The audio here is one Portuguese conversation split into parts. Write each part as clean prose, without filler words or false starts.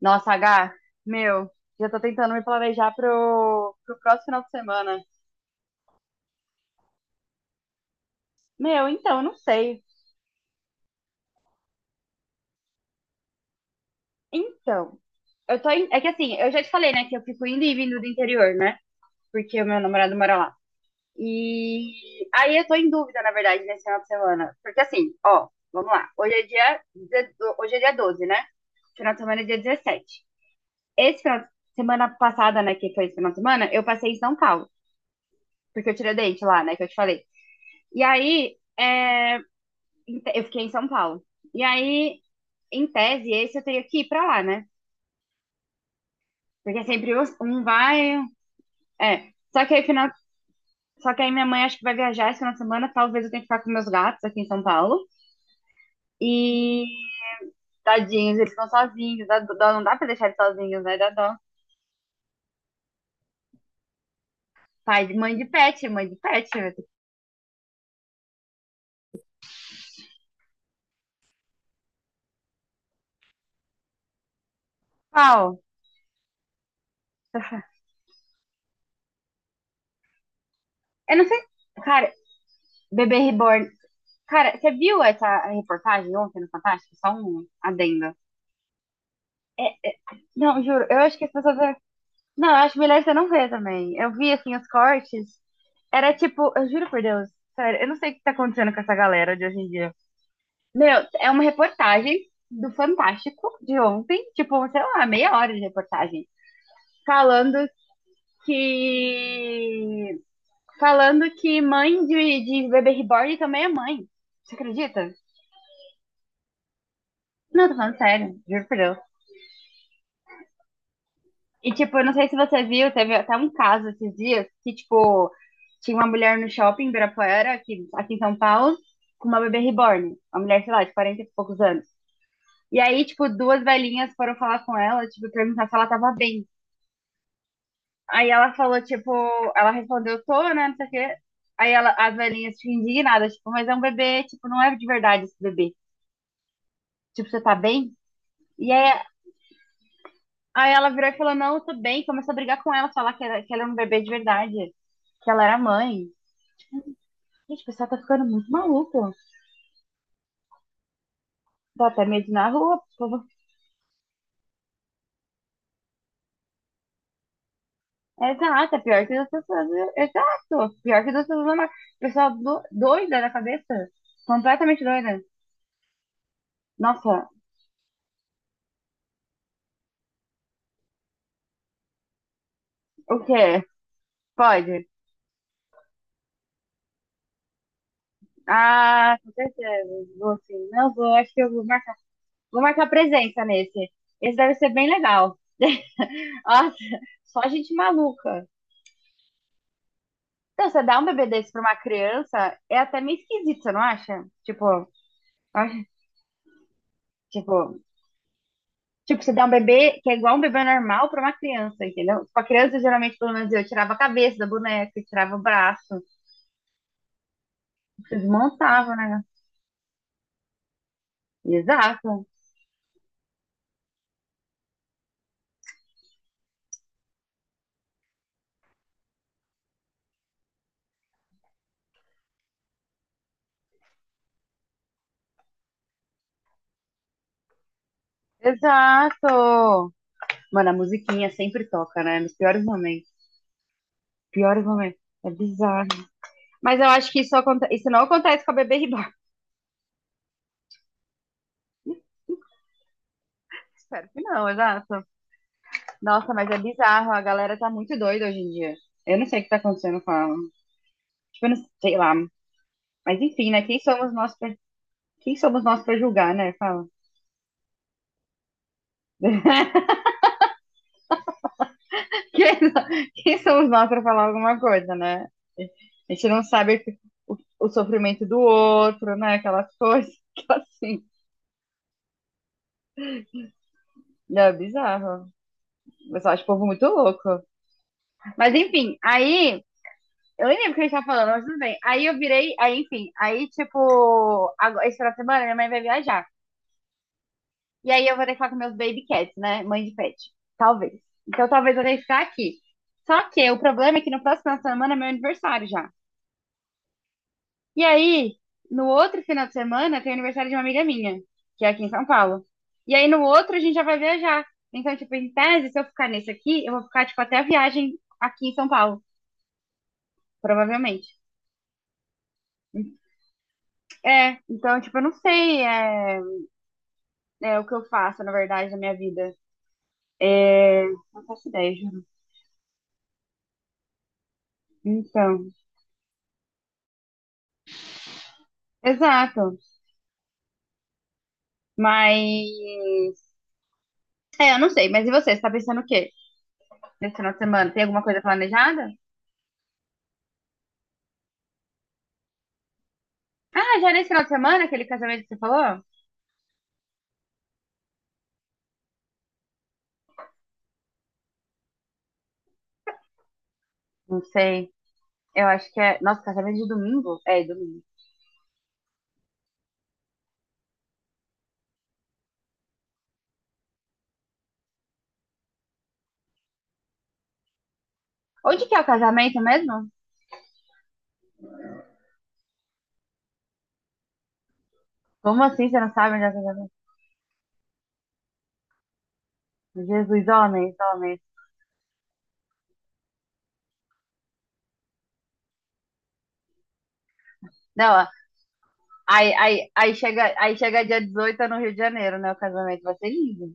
Nossa, H, meu, já tô tentando me planejar pro próximo final de semana. Meu, então, eu não sei. Então, é que assim, eu já te falei, né, que eu fico indo e vindo do interior, né? Porque o meu namorado mora lá. E aí eu tô em dúvida, na verdade, nesse final de semana. Porque assim, ó, vamos lá. Hoje é dia 12, né? Final de semana é dia 17. Esse final de semana passada, né, que foi esse final de semana, eu passei em São Paulo, porque eu tirei o dente lá, né, que eu te falei. E aí, eu fiquei em São Paulo. E aí, em tese, esse eu teria que ir pra lá, né? Porque é sempre um vai. É. Só que aí, final... Só que aí minha mãe acho que vai viajar esse final de semana. Talvez eu tenha que ficar com meus gatos aqui em São Paulo. E tadinhos, eles estão sozinhos. Dá dó, não dá pra deixar eles sozinhos, né? Dá dó. Pai de mãe de pet, mãe de pet. Vai ter que- Pau. Eu não sei. Cara, bebê reborn. Cara, você viu essa reportagem ontem no Fantástico? Só um adendo. É, não, juro, eu acho que as pessoas. Não, acho melhor você não ver também. Eu vi, assim, os cortes. Era tipo, eu juro por Deus, sério, eu não sei o que tá acontecendo com essa galera de hoje em dia. Meu, é uma reportagem do Fantástico de ontem, tipo, sei lá, meia hora de reportagem, falando que. Falando que mãe de bebê reborn também é mãe. Você acredita? Não, tô falando sério, juro por Deus. E, tipo, eu não sei se você viu, teve até um caso esses dias que, tipo, tinha uma mulher no shopping em Ibirapuera, aqui em São Paulo, com uma bebê reborn. Uma mulher, sei lá, de 40 e poucos anos. E aí, tipo, duas velhinhas foram falar com ela, tipo, perguntar se ela tava bem. Aí ela falou, tipo, ela respondeu, tô, né, não sei o quê. Aí ela, as velhinhas, tipo, indignadas, tipo, mas é um bebê, tipo, não é de verdade esse bebê. Tipo, você tá bem? E aí, ela virou e falou, não, eu tô bem. Começou a brigar com ela, falar que, era, que ela era um bebê de verdade, que ela era mãe. Gente, o pessoal tá ficando muito maluco. Dá até medo na rua, o povo. Exato, é pior que das pessoas. Exato, pior que das pessoas normais. Pessoal doida da cabeça. Completamente doida. Nossa, o quê? Pode? Ah, com certeza. Vou sim. Não vou, acho que eu vou marcar. Vou marcar presença nesse. Esse deve ser bem legal. Nossa, só gente maluca. Então, você dá um bebê desse pra uma criança é até meio esquisito, você não acha? Acho- tipo, Tipo, você dá um bebê que é igual um bebê normal para uma criança, entendeu? Com a criança, geralmente, pelo menos eu tirava a cabeça da boneca, eu tirava o braço, desmontava, né? Exato, exato. Mano, a musiquinha sempre toca, né? Nos piores momentos. Piores momentos. É bizarro. Mas eu acho que isso não acontece com a bebê Reborn. Espero que não, exato. Nossa, mas é bizarro. A galera tá muito doida hoje em dia. Eu não sei o que tá acontecendo com a. Tipo, eu não sei lá. Mas enfim, né? Quem somos nós pra... Quem somos nós pra julgar, né? Fala. Quem, quem somos nós para falar alguma coisa, né? A gente não sabe o, o sofrimento do outro, né? Aquelas coisas que assim. É bizarro. Eu só acho o povo muito louco. Mas enfim, aí. Eu nem lembro o que a gente tava falando, mas tudo bem. Aí eu virei, aí enfim, aí tipo, agora, esse final de semana minha mãe vai viajar. E aí eu vou ter que falar com meus baby cats, né? Mãe de pet. Talvez. Então talvez eu tenha que ficar aqui. Só que o problema é que no próximo final de semana é meu aniversário já. E aí, no outro final de semana, tem aniversário de uma amiga minha, que é aqui em São Paulo. E aí, no outro, a gente já vai viajar. Então, tipo, em tese, se eu ficar nesse aqui, eu vou ficar, tipo, até a viagem aqui em São Paulo, provavelmente. É, então, tipo, eu não sei é, o que eu faço, na verdade, na minha vida. É, não faço ideia, juro. Então, exato. Mas, é, eu não sei. Mas e você? Você tá pensando o quê? Nesse final de semana, tem alguma coisa planejada? Ah, já nesse final de semana, aquele casamento que você falou? Não sei. Eu acho que é. Nossa, casamento de domingo? É, domingo. Onde que é o casamento mesmo? Como assim? Você não sabe onde é o casamento? Jesus, homens, homens. Não, ó, aí chega dia 18 no Rio de Janeiro, né? O casamento vai ser lindo.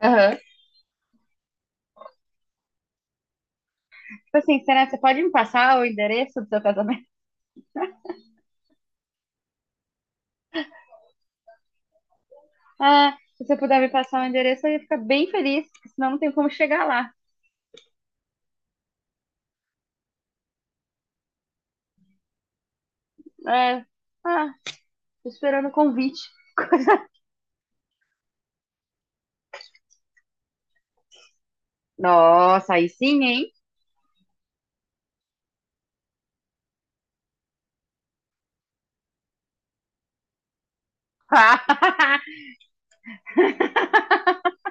Aham. Tipo assim, será que você pode me passar o endereço do seu casamento? Ah, se você puder me passar o endereço, eu ia ficar bem feliz, porque senão não tem como chegar lá. É. Ah, tô esperando o convite. Nossa, aí sim, hein?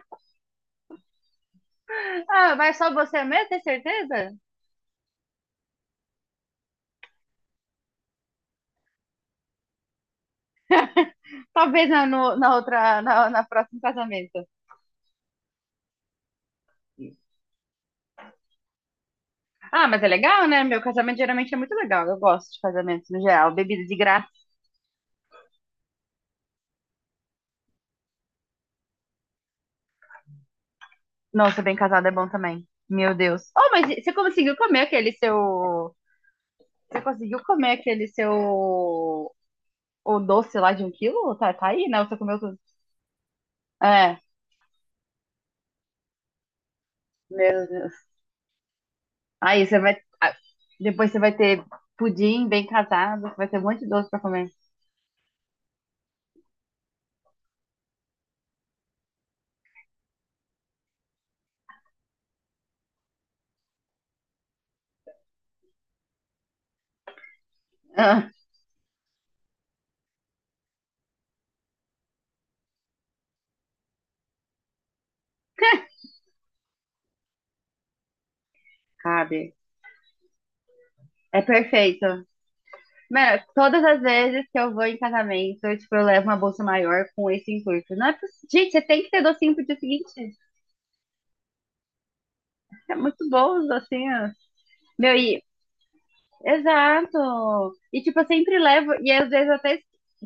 Ah, mas só você mesmo, tem certeza? Talvez na, no- na outra, na, na próximo casamento. Ah, mas é legal, né? Meu casamento geralmente é muito legal. Eu gosto de casamentos no geral. Bebida de graça. Nossa, bem casado é bom também. Meu Deus. Oh, mas você conseguiu comer aquele seu. Você conseguiu comer aquele seu. O doce lá de 1 quilo? Tá, tá aí, né? Você comeu tudo. É, meu Deus. Aí você vai. ah, Depois você vai ter pudim bem casado. Vai ter um monte de doce pra comer. Sabe? É perfeito. Mano, todas as vezes que eu vou em casamento, eu, tipo, eu levo uma bolsa maior com esse intuito. Não é possível. Gente, você tem que ter docinho pro dia seguinte. É muito bom os docinhos. Meu, e. Exato. E, tipo, eu sempre levo. E às vezes eu até.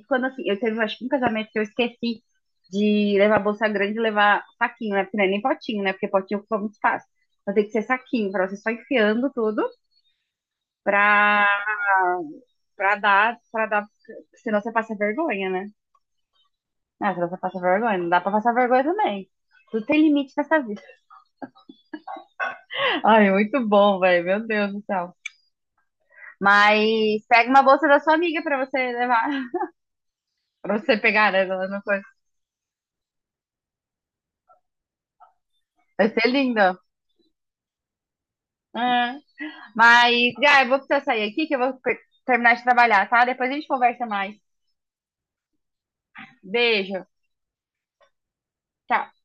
Quando assim, eu teve, acho que um casamento que eu esqueci de levar bolsa grande e levar saquinho, né? Porque não é nem potinho, né? Porque potinho ocupa muito espaço. Então tem que ser saquinho, pra você só enfiando tudo. pra, pra dar, senão você passa vergonha, né? Ah, senão você passa vergonha, não dá pra passar vergonha também. Tudo tem limite nessa vida. Ai, muito bom, velho, meu Deus do céu. Mas pega uma bolsa da sua amiga pra você levar, pra você pegar, né? Ela não foi- Vai ser lindo. É. Mas, já, eu vou precisar sair aqui que eu vou terminar de trabalhar, tá? Depois a gente conversa mais. Beijo. Tchau.